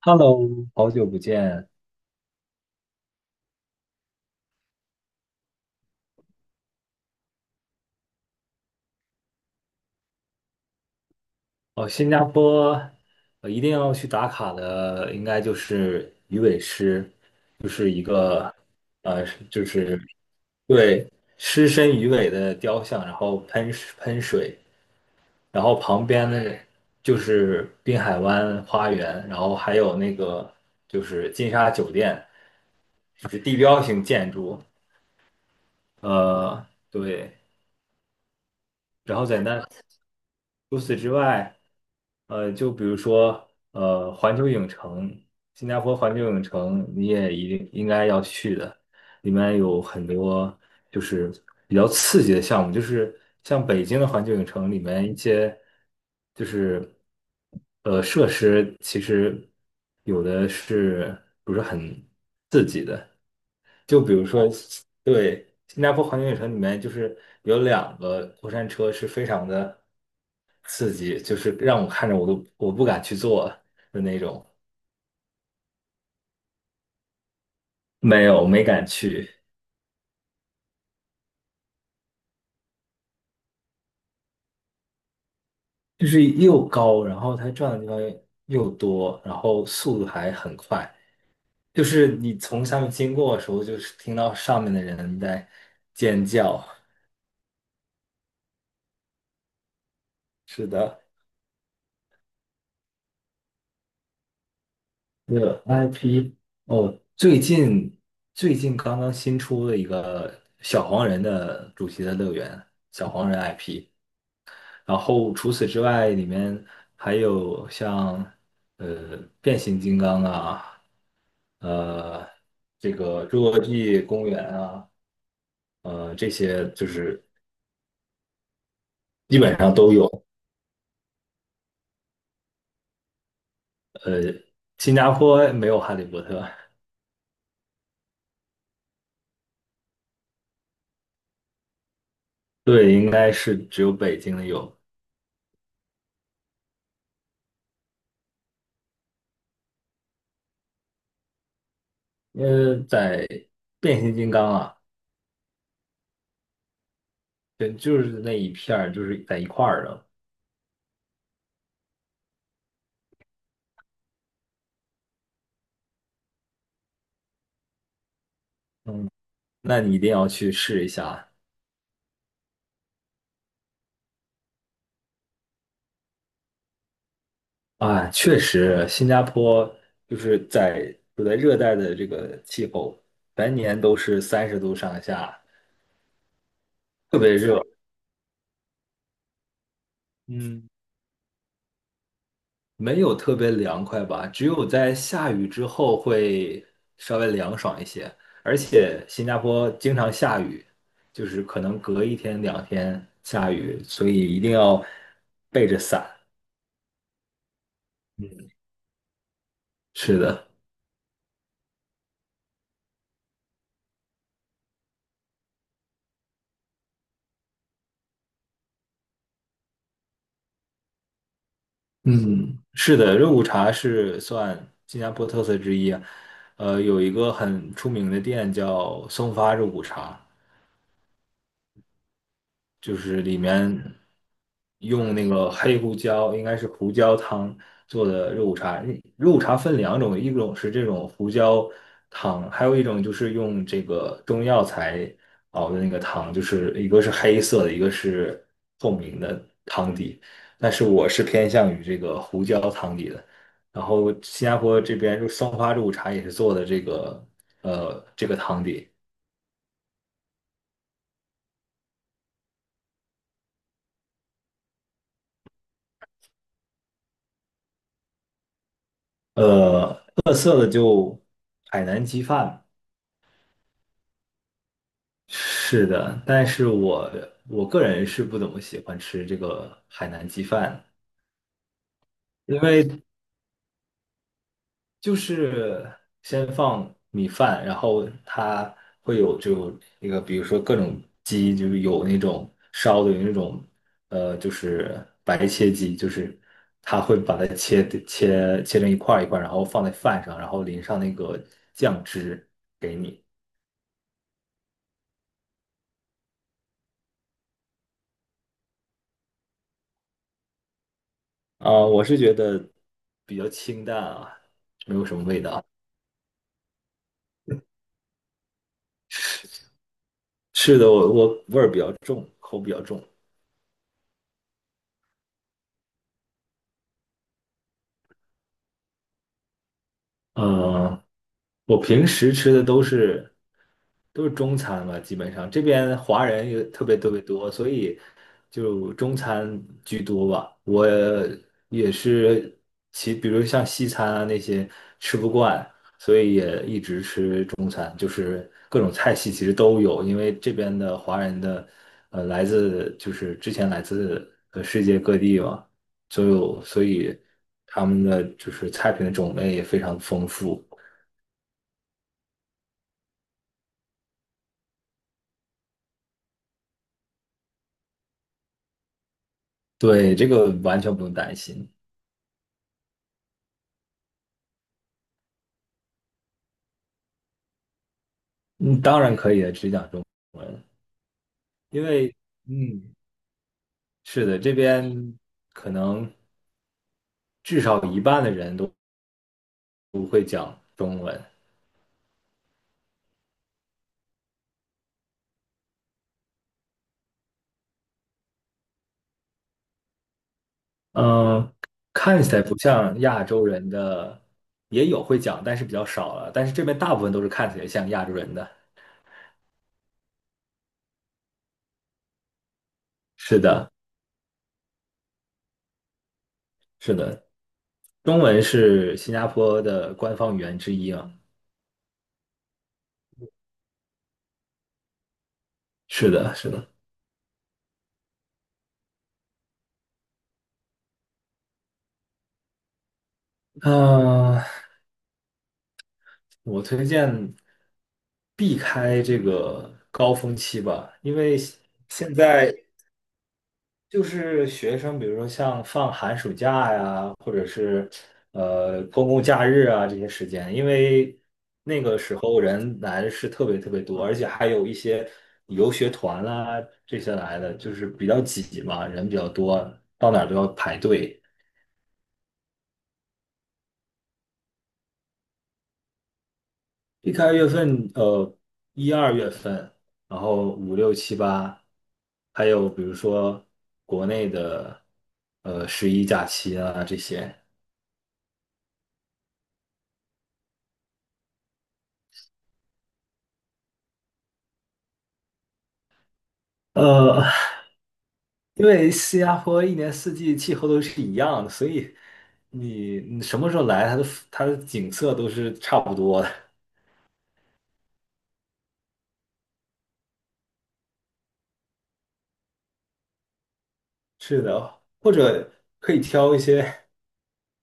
Hello，好久不见。哦，新加坡，一定要去打卡的，应该就是鱼尾狮，就是一个，呃，就是对狮身鱼尾的雕像，然后喷水，然后旁边的就是滨海湾花园，然后还有那个就是金沙酒店，就是地标性建筑。对，然后除此之外。就比如说，环球影城，新加坡环球影城，你也一定应该要去的。里面有很多就是比较刺激的项目，就是像北京的环球影城里面一些就是设施，其实有的是不是很刺激的，就比如说，对，新加坡环球影城里面就是有两个过山车是非常的刺激，就是让我看着我不敢去坐的那种。没有，没敢去，就是又高，然后它转的地方又多，然后速度还很快。就是你从下面经过的时候，就是听到上面的人在尖叫。是的。的 IP 哦，最近刚刚新出了一个小黄人的主题的乐园，小黄人 IP。然后除此之外，里面还有像呃变形金刚啊，呃这个侏罗纪公园啊，这些就是基本上都有。呃，新加坡没有哈利波特，对，应该是只有北京有，因为在。变形金刚啊，对，就是那一片儿，就是在一块儿的，那你一定要去试一下啊！确实，新加坡就是处在热带的这个气候，全年都是30度上下，特别热，嗯，没有特别凉快吧，只有在下雨之后会稍微凉爽一些。而且新加坡经常下雨，就是可能隔一天两天下雨，所以一定要备着伞。嗯，是的。嗯，是的，肉骨茶是算新加坡特色之一啊有一个很出名的店叫松发肉骨茶，就是里面用那个黑胡椒，应该是胡椒汤做的肉骨茶。肉骨茶分两种，一种是这种胡椒汤，还有一种就是用这个中药材熬的那个汤，就是一个是黑色的，一个是透明的汤底。但是我是偏向于这个胡椒汤底的。然后新加坡这边就松花肉骨茶也是做的这个这个汤底，呃特色的就海南鸡饭。是的，但是我个人是不怎么喜欢吃这个海南鸡饭，因为就是先放米饭，然后它会有就那个，比如说各种鸡，就是有那种烧的，有那种就是白切鸡，就是它会把它切成一块儿一块儿，然后放在饭上，然后淋上那个酱汁给你。啊、我是觉得比较清淡啊，没有什么味道。是的，我味儿比较重，口比较重。嗯，我平时吃的都是中餐嘛，基本上这边华人也特别特别多，所以就中餐居多吧。我也是比如像西餐啊那些吃不惯，所以也一直吃中餐，就是各种菜系其实都有，因为这边的华人的来自就是之前来自世界各地嘛，就有所以他们的就是菜品的种类也非常丰富。对，这个完全不用担心。嗯，当然可以的，只讲中文，因为嗯，是的，这边可能至少一半的人都不会讲中文。嗯，看起来不像亚洲人的，也有会讲，但是比较少了。但是这边大部分都是看起来像亚洲人的。是的，是的，中文是新加坡的官方语言之一啊。是的，是的。嗯、我推荐避开这个高峰期吧，因为现在就是学生，比如说像放寒暑假呀，或者是公共假日啊这些时间，因为那个时候人来的是特别特别多，而且还有一些游学团啊这些来的，就是比较挤嘛，人比较多，到哪儿都要排队。避开月份，一二月份，然后五六七八，还有比如说国内的，十一假期啊这些，呃，因为新加坡一年四季气候都是一样的，所以你什么时候来，它的景色都是差不多的。是的，或者可以挑一些。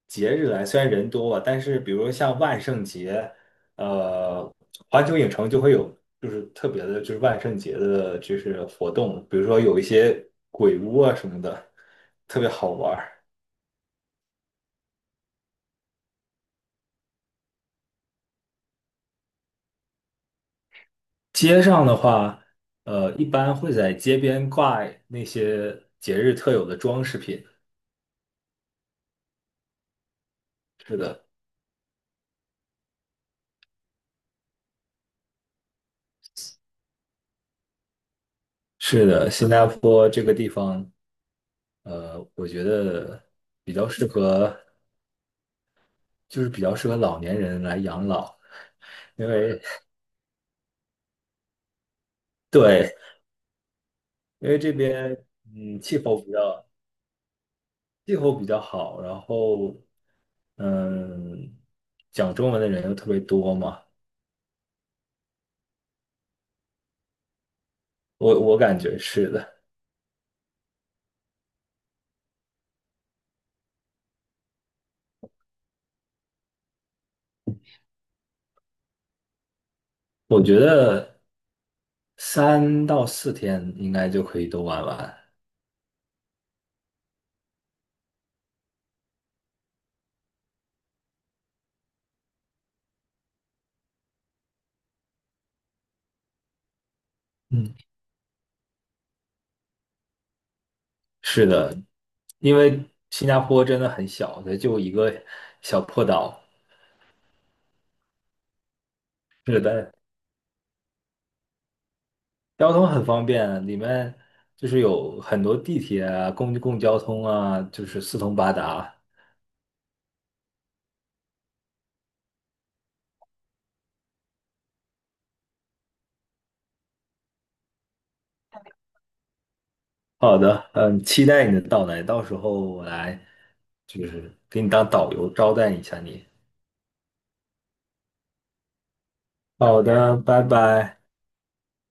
节日来，虽然人多啊，但是比如像万圣节，呃，环球影城就会有就是特别的，就是万圣节的，就是活动，比如说有一些鬼屋啊什么的，特别好玩儿。街上的话，一般会在街边挂那些节日特有的装饰品。是的，是的，新加坡这个地方，我觉得比较适合，就是比较适合老年人来养老，因为。对。因为这边嗯气候比较气候比较好，然后嗯讲中文的人又特别多嘛，我感觉是的，我觉得3到4天应该就可以都玩完。嗯，是的，因为新加坡真的很小，它就一个小破岛，是的，交通很方便，里面就是有很多地铁啊、公共交通啊，就是四通八达。好的，嗯，期待你的到来，到时候我来就是给你当导游招待一下你。好的，拜拜。